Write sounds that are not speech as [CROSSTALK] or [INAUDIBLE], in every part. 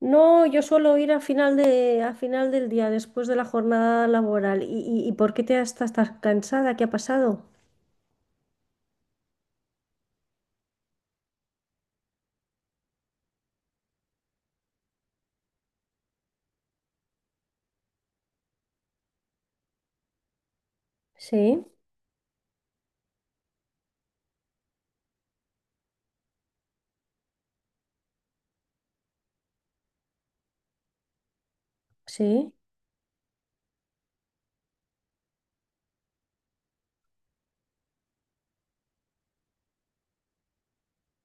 No, yo suelo ir a final del día, después de la jornada laboral. ¿Y por qué te estás tan cansada? ¿Qué ha pasado? Sí, sí,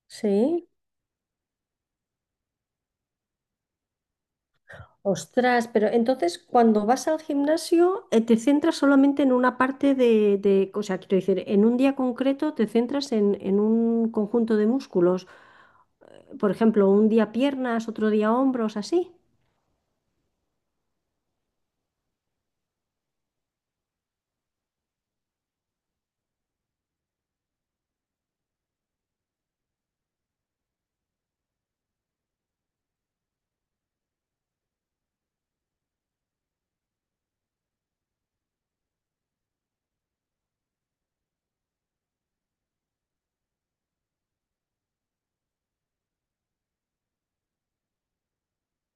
sí. Ostras, pero entonces cuando vas al gimnasio, te centras solamente en una parte o sea, quiero decir, en un día concreto te centras en un conjunto de músculos. Por ejemplo, un día piernas, otro día hombros, así.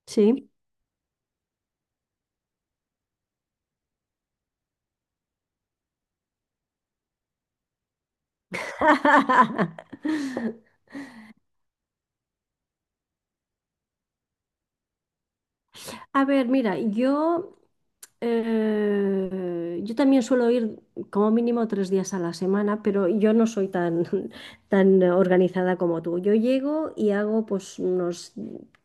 Sí. [LAUGHS] A ver, mira, yo, yo también suelo ir como mínimo 3 días a la semana, pero yo no soy tan, [LAUGHS] tan organizada como tú. Yo llego y hago pues unos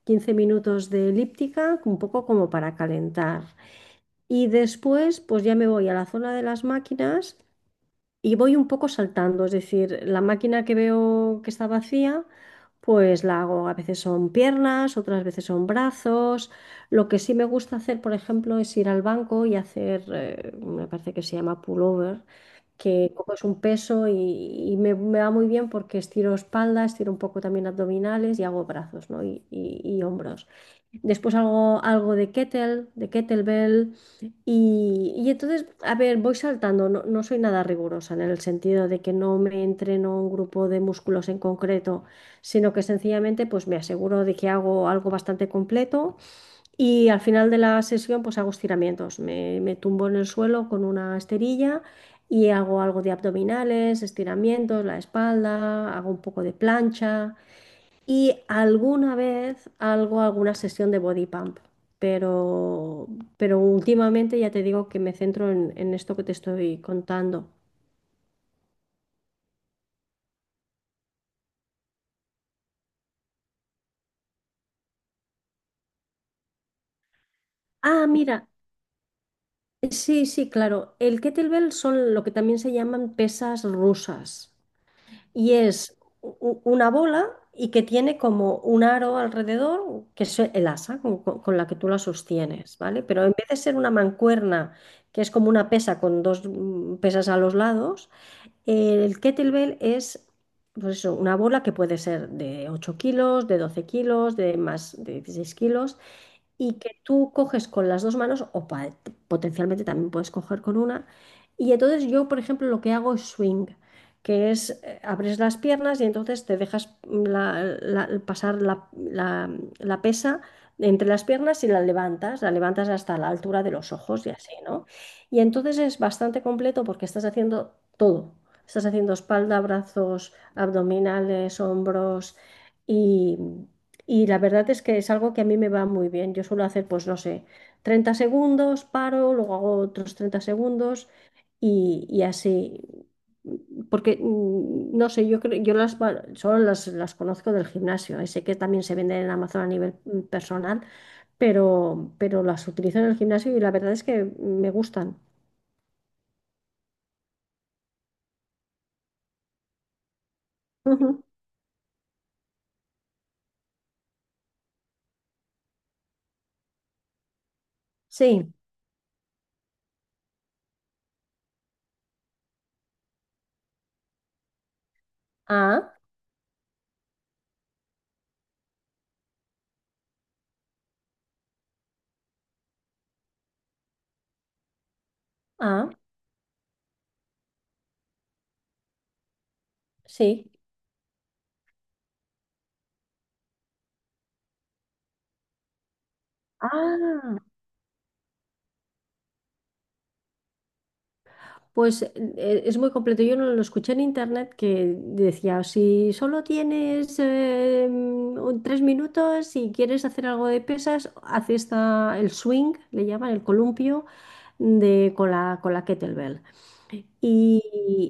15 minutos de elíptica, un poco como para calentar. Y después pues ya me voy a la zona de las máquinas y voy un poco saltando, es decir, la máquina que veo que está vacía, pues la hago. A veces son piernas, otras veces son brazos. Lo que sí me gusta hacer, por ejemplo, es ir al banco y hacer, me parece que se llama pullover, que coges un peso y, me va muy bien porque estiro espalda, estiro un poco también abdominales y hago brazos, ¿no?, y hombros. Después hago algo de kettlebell. Y entonces, a ver, voy saltando. No, no soy nada rigurosa en el sentido de que no me entreno un grupo de músculos en concreto, sino que sencillamente pues me aseguro de que hago algo bastante completo y al final de la sesión pues hago estiramientos. Me tumbo en el suelo con una esterilla y hago algo de abdominales, estiramientos, la espalda, hago un poco de plancha. Y alguna vez algo, alguna sesión de body pump, pero, últimamente ya te digo que me centro en esto que te estoy contando. Ah, mira, sí, sí, claro. El kettlebell son lo que también se llaman pesas rusas. Y es una bola y que tiene como un aro alrededor, que es el asa con la que tú la sostienes, ¿vale? Pero en vez de ser una mancuerna, que es como una pesa con dos pesas a los lados. El kettlebell es, pues eso, una bola que puede ser de 8 kilos, de 12 kilos, de más de 16 kilos y que tú coges con las dos manos o potencialmente también puedes coger con una. Y entonces yo, por ejemplo, lo que hago es swing, que es abres las piernas y entonces te dejas pasar la pesa entre las piernas y la levantas hasta la altura de los ojos y así, ¿no? Y entonces es bastante completo porque estás haciendo todo. Estás haciendo espalda, brazos, abdominales, hombros, y y la verdad es que es algo que a mí me va muy bien. Yo suelo hacer, pues no sé, 30 segundos, paro, luego hago otros 30 segundos y, así. Porque, no sé, yo creo, yo solo las conozco del gimnasio. Sé que también se venden en Amazon a nivel personal, pero, las utilizo en el gimnasio y la verdad es que me gustan. Ujú. Sí. Ah, ah, sí. Ah. Pues es muy completo. Yo no lo escuché en internet que decía, si solo tienes 3 minutos y quieres hacer algo de pesas, haz esta, el swing, le llaman el columpio, con la kettlebell. Y,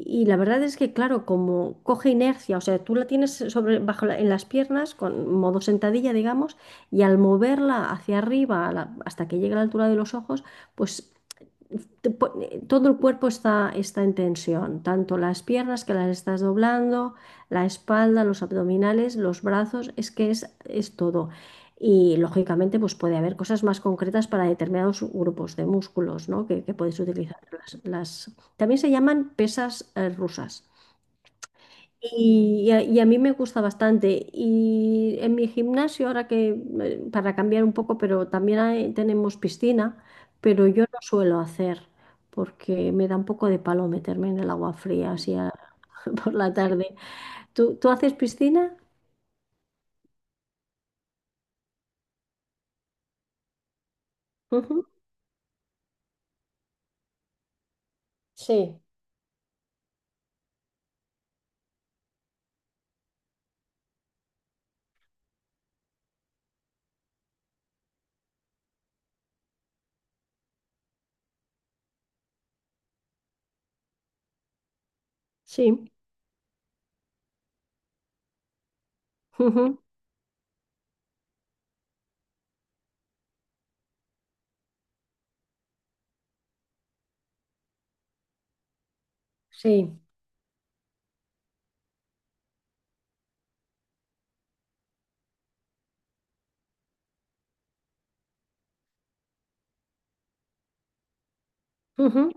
y la verdad es que, claro, como coge inercia, o sea, tú la tienes sobre, bajo en las piernas, con modo sentadilla, digamos, y al moverla hacia arriba, hasta que llegue a la altura de los ojos, pues todo el cuerpo está, en tensión, tanto las piernas que las estás doblando, la espalda, los abdominales, los brazos, es que es todo. Y lógicamente pues puede haber cosas más concretas para determinados grupos de músculos, ¿no?, que puedes utilizar. También se llaman pesas rusas. Y a mí me gusta bastante. Y en mi gimnasio, ahora que, para cambiar un poco, pero también tenemos piscina, pero yo no suelo hacer porque me da un poco de palo meterme en el agua fría así [LAUGHS] por la tarde. ¿Tú haces piscina? Ujú. Sí, sí, [LAUGHS] ujú, sí. Ujú.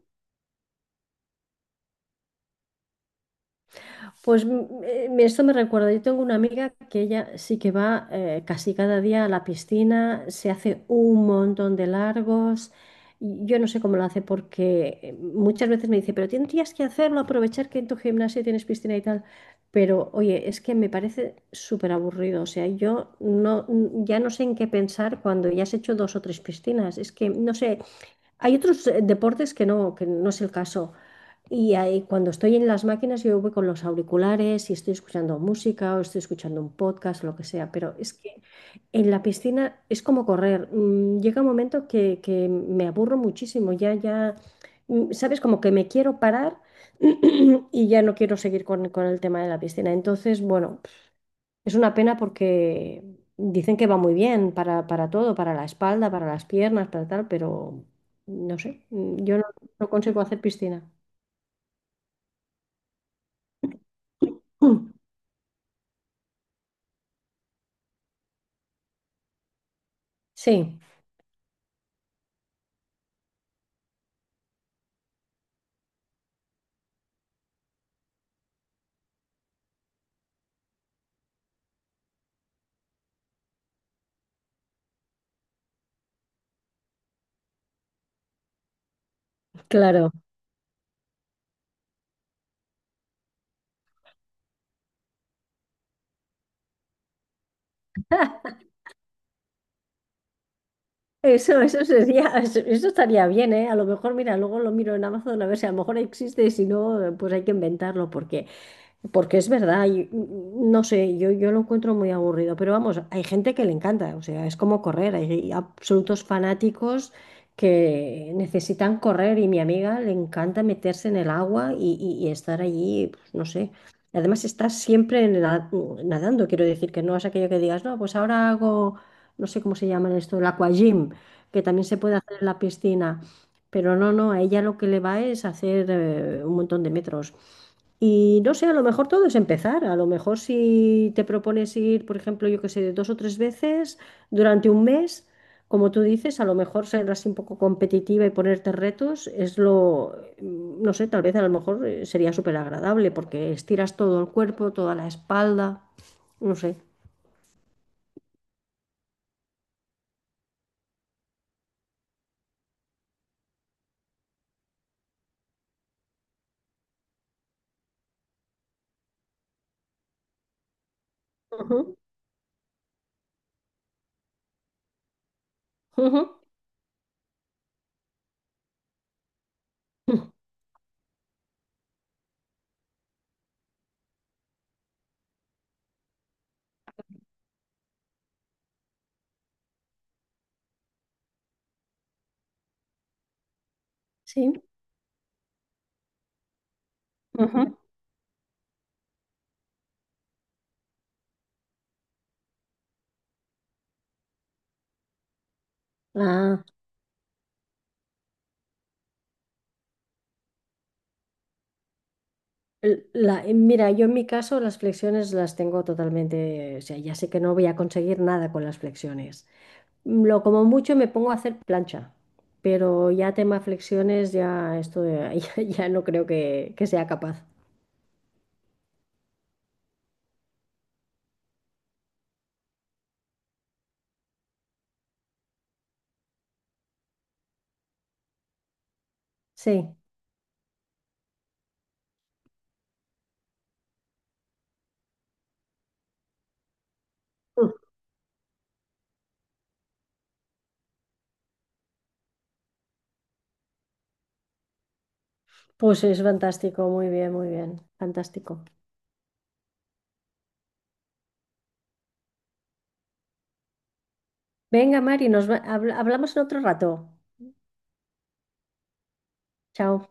Pues esto me recuerda, yo tengo una amiga que ella sí que va casi cada día a la piscina, se hace un montón de largos. Y yo no sé cómo lo hace porque muchas veces me dice, pero tendrías que hacerlo, aprovechar que en tu gimnasio tienes piscina y tal. Pero oye, es que me parece súper aburrido. O sea, yo no, ya no sé en qué pensar cuando ya has hecho dos o tres piscinas. Es que, no sé, hay otros deportes que no es el caso. Y ahí, cuando estoy en las máquinas, yo voy con los auriculares y estoy escuchando música o estoy escuchando un podcast o lo que sea, pero es que en la piscina es como correr. Llega un momento que me aburro muchísimo, ya, ya, sabes, como que me quiero parar [CLEARS THROAT] y ya no quiero seguir con el tema de la piscina. Entonces, bueno, es una pena porque dicen que va muy bien para todo, para la espalda, para las piernas, para tal, pero no sé, yo no consigo hacer piscina. [CLEARS THROAT] Sí, claro. Eso sería, [LAUGHS] eso estaría bien, ¿eh? A lo mejor, mira, luego lo miro en Amazon a ver si a lo mejor existe, y si no, pues hay que inventarlo. Porque es verdad, no sé, yo lo encuentro muy aburrido, pero vamos, hay gente que le encanta, o sea, es como correr, hay absolutos fanáticos que necesitan correr y mi amiga le encanta meterse en el agua y, y estar allí, pues, no sé. Además, estás siempre nadando, quiero decir, que no es aquello que digas, no, pues ahora hago, no sé cómo se llaman esto, el aquagym, que también se puede hacer en la piscina, pero no, no, a ella lo que le va es hacer un montón de metros. Y no sé, a lo mejor todo es empezar. A lo mejor si te propones ir, por ejemplo, yo qué sé, dos o tres veces durante un mes, como tú dices, a lo mejor ser así un poco competitiva y ponerte retos es lo, no sé, tal vez a lo mejor sería súper agradable porque estiras todo el cuerpo, toda la espalda, no sé. Ujú, ujú. Sí. Ujú. Ah, mira, yo en mi caso las flexiones las tengo totalmente, o sea, ya sé que no voy a conseguir nada con las flexiones. Lo como mucho me pongo a hacer plancha, pero ya tema flexiones, ya esto ya, [LAUGHS] ya no creo que sea capaz. Sí. Mm. Pues es fantástico, muy bien, fantástico. Venga, Mari, hablamos en otro rato. Chao.